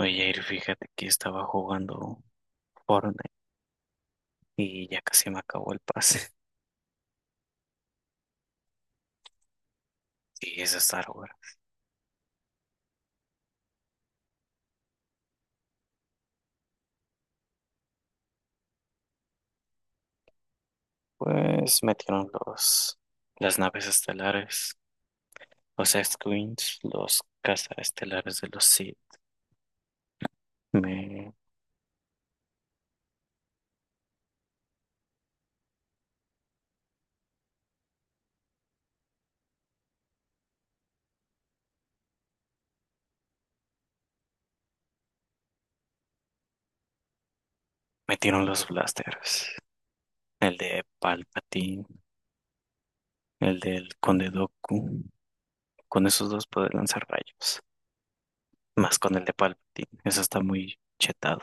Oye, Jair, fíjate que estaba jugando Fortnite y ya casi me acabó el pase. Y es de Star Wars. Pues metieron las naves estelares, los X-Wings, los estelares de los Sith. Me metieron los blasters, el de Palpatine, el del Conde Dooku. Con esos dos puedes lanzar rayos, más con el de Palpatine. Eso está muy chetado.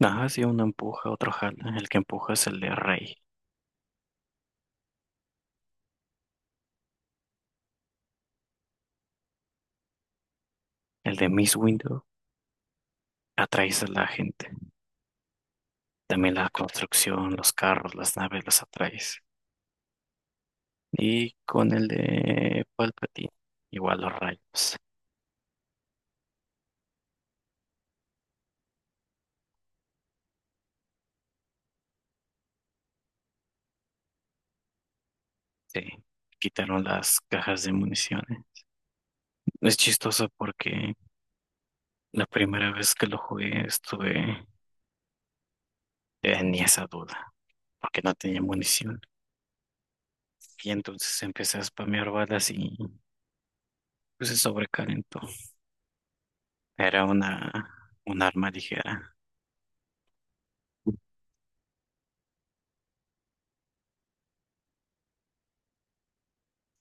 Ajá, sí, uno empuja, otro jala. El que empuja es el de Rey. El de Miss Windu atraes a la gente. También la construcción, los carros, las naves, los atraes. Y con el de Palpatine, igual los rayos. Sí, quitaron las cajas de municiones. Es chistoso porque la primera vez que lo jugué estuve en esa duda, porque no tenía munición. Y entonces empecé a spamear balas y pues, se sobrecalentó. Era un arma ligera.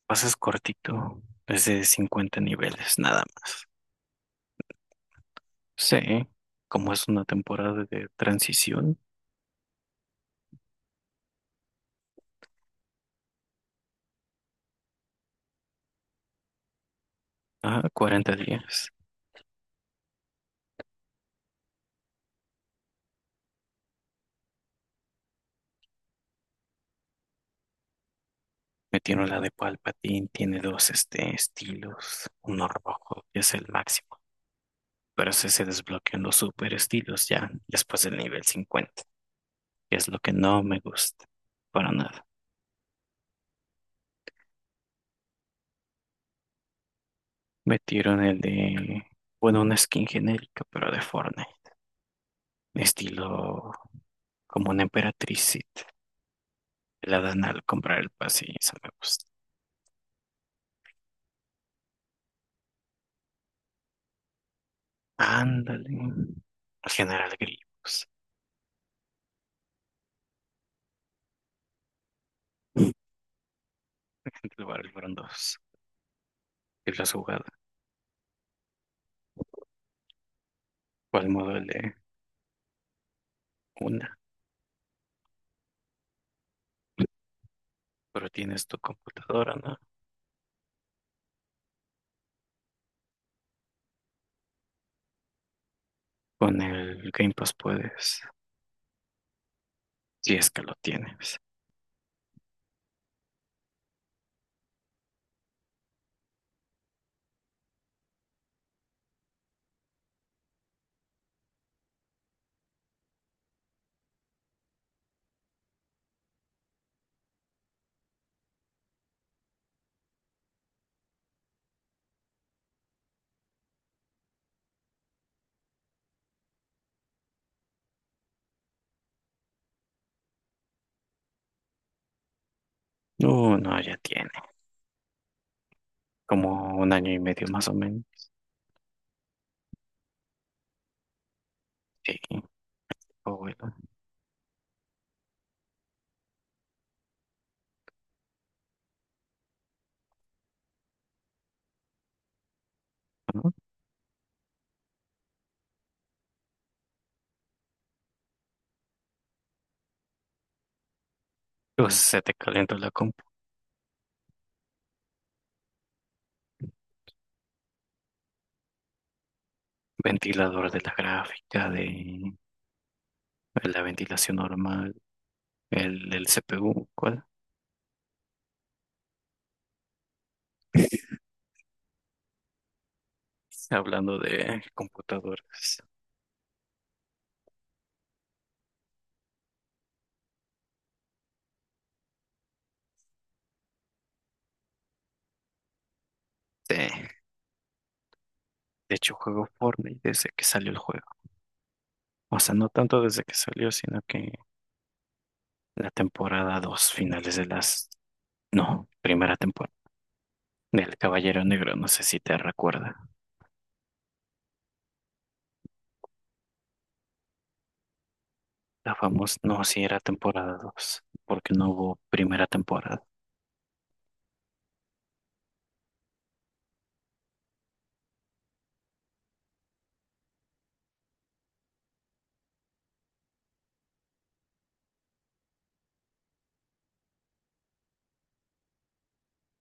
Pasas cortito, es de 50 niveles, nada. Sí, como es una temporada de transición, ah, 40 días. Metieron la de Palpatine, tiene dos estilos, uno rojo, que es el máximo, pero ese se desbloquean los super estilos ya después del nivel 50, que es lo que no me gusta, para nada. Metieron el de, bueno, una skin genérica, pero de Fortnite, estilo como una emperatriz, Sith. La dan al comprar el pase y eso me gusta. Ándale, el general Grievous. Entre el barril fueron dos. Y la jugada. ¿Cuál modo de una? Pero tienes tu computadora, ¿no? Con el Game Pass puedes, si es que lo tienes. No, no, ya tiene. Como un año y medio más o menos. Sí, o bueno, ¿no? Pues se te calienta la compu. Ventilador de la gráfica, de la ventilación normal, el del CPU, ¿cuál? Hablando de computadoras. Sí. De hecho, juego Fortnite desde que salió el juego. O sea, no tanto desde que salió, sino que la temporada 2 finales de las... No, primera temporada del Caballero Negro, no sé si te recuerda. La famosa... No, sí era temporada 2 porque no hubo primera temporada.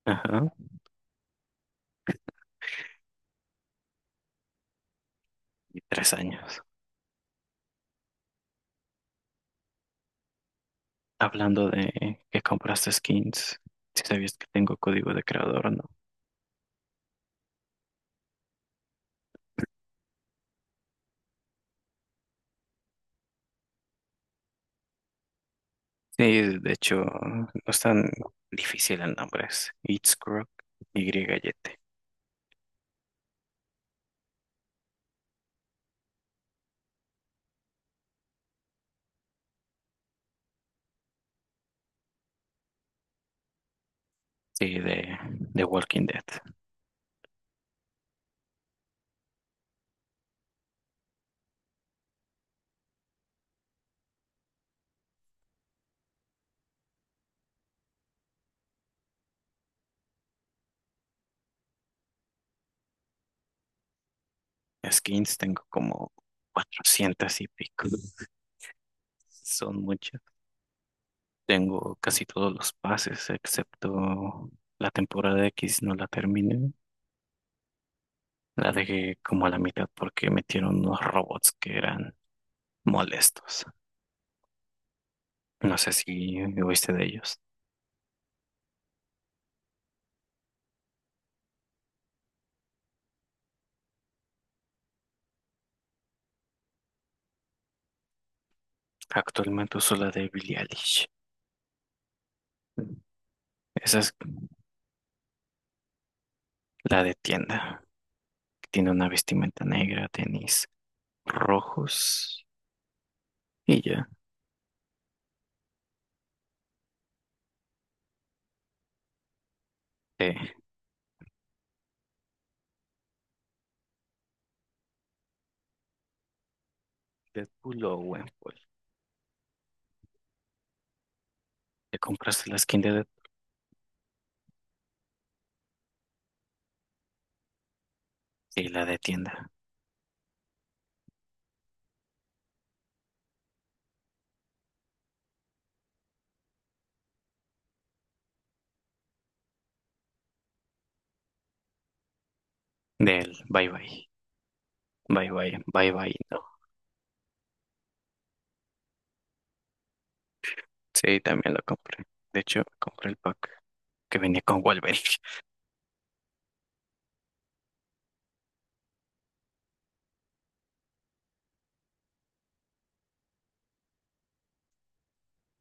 Ajá, y 3 años. Hablando de que compraste skins, si sabías que tengo código de creador, ¿no? Sí, de hecho, no es tan difícil el nombre, es It's Croc, Y-Y-T, sí, de Walking Dead. Skins, tengo como 400 y pico. Son muchas. Tengo casi todos los pases, excepto la temporada X, no la terminé. La dejé como a la mitad porque metieron unos robots que eran molestos. No sé si oíste de ellos. Actualmente uso la de Billie Eilish. Esa es la de tienda. Tiene una vestimenta negra, tenis rojos y ya. De Deadpool o Gwenpool. ¿Te compraste la skin de sí, la de tienda. Del bye bye. Bye bye. Bye bye. No. Sí, también lo compré. De hecho, compré el pack que venía con Wolverine.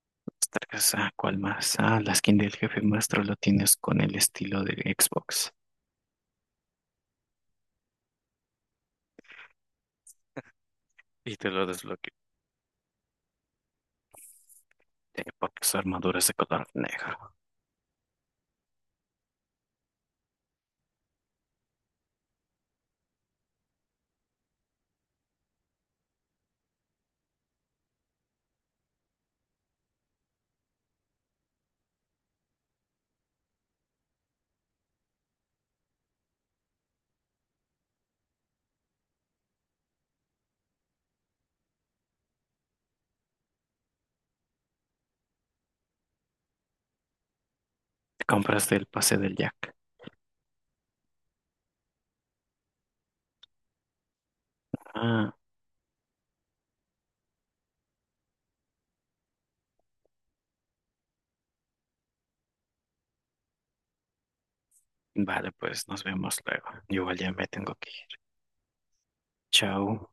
Ostras, ah, ¿cuál más? Ah, la skin del jefe maestro lo tienes con el estilo de Xbox. Y te lo desbloqueo, porque su armadura es de color negro. Te compras el pase del Jack. Ah, vale, pues nos vemos luego. Yo igual ya me tengo que ir. Chao.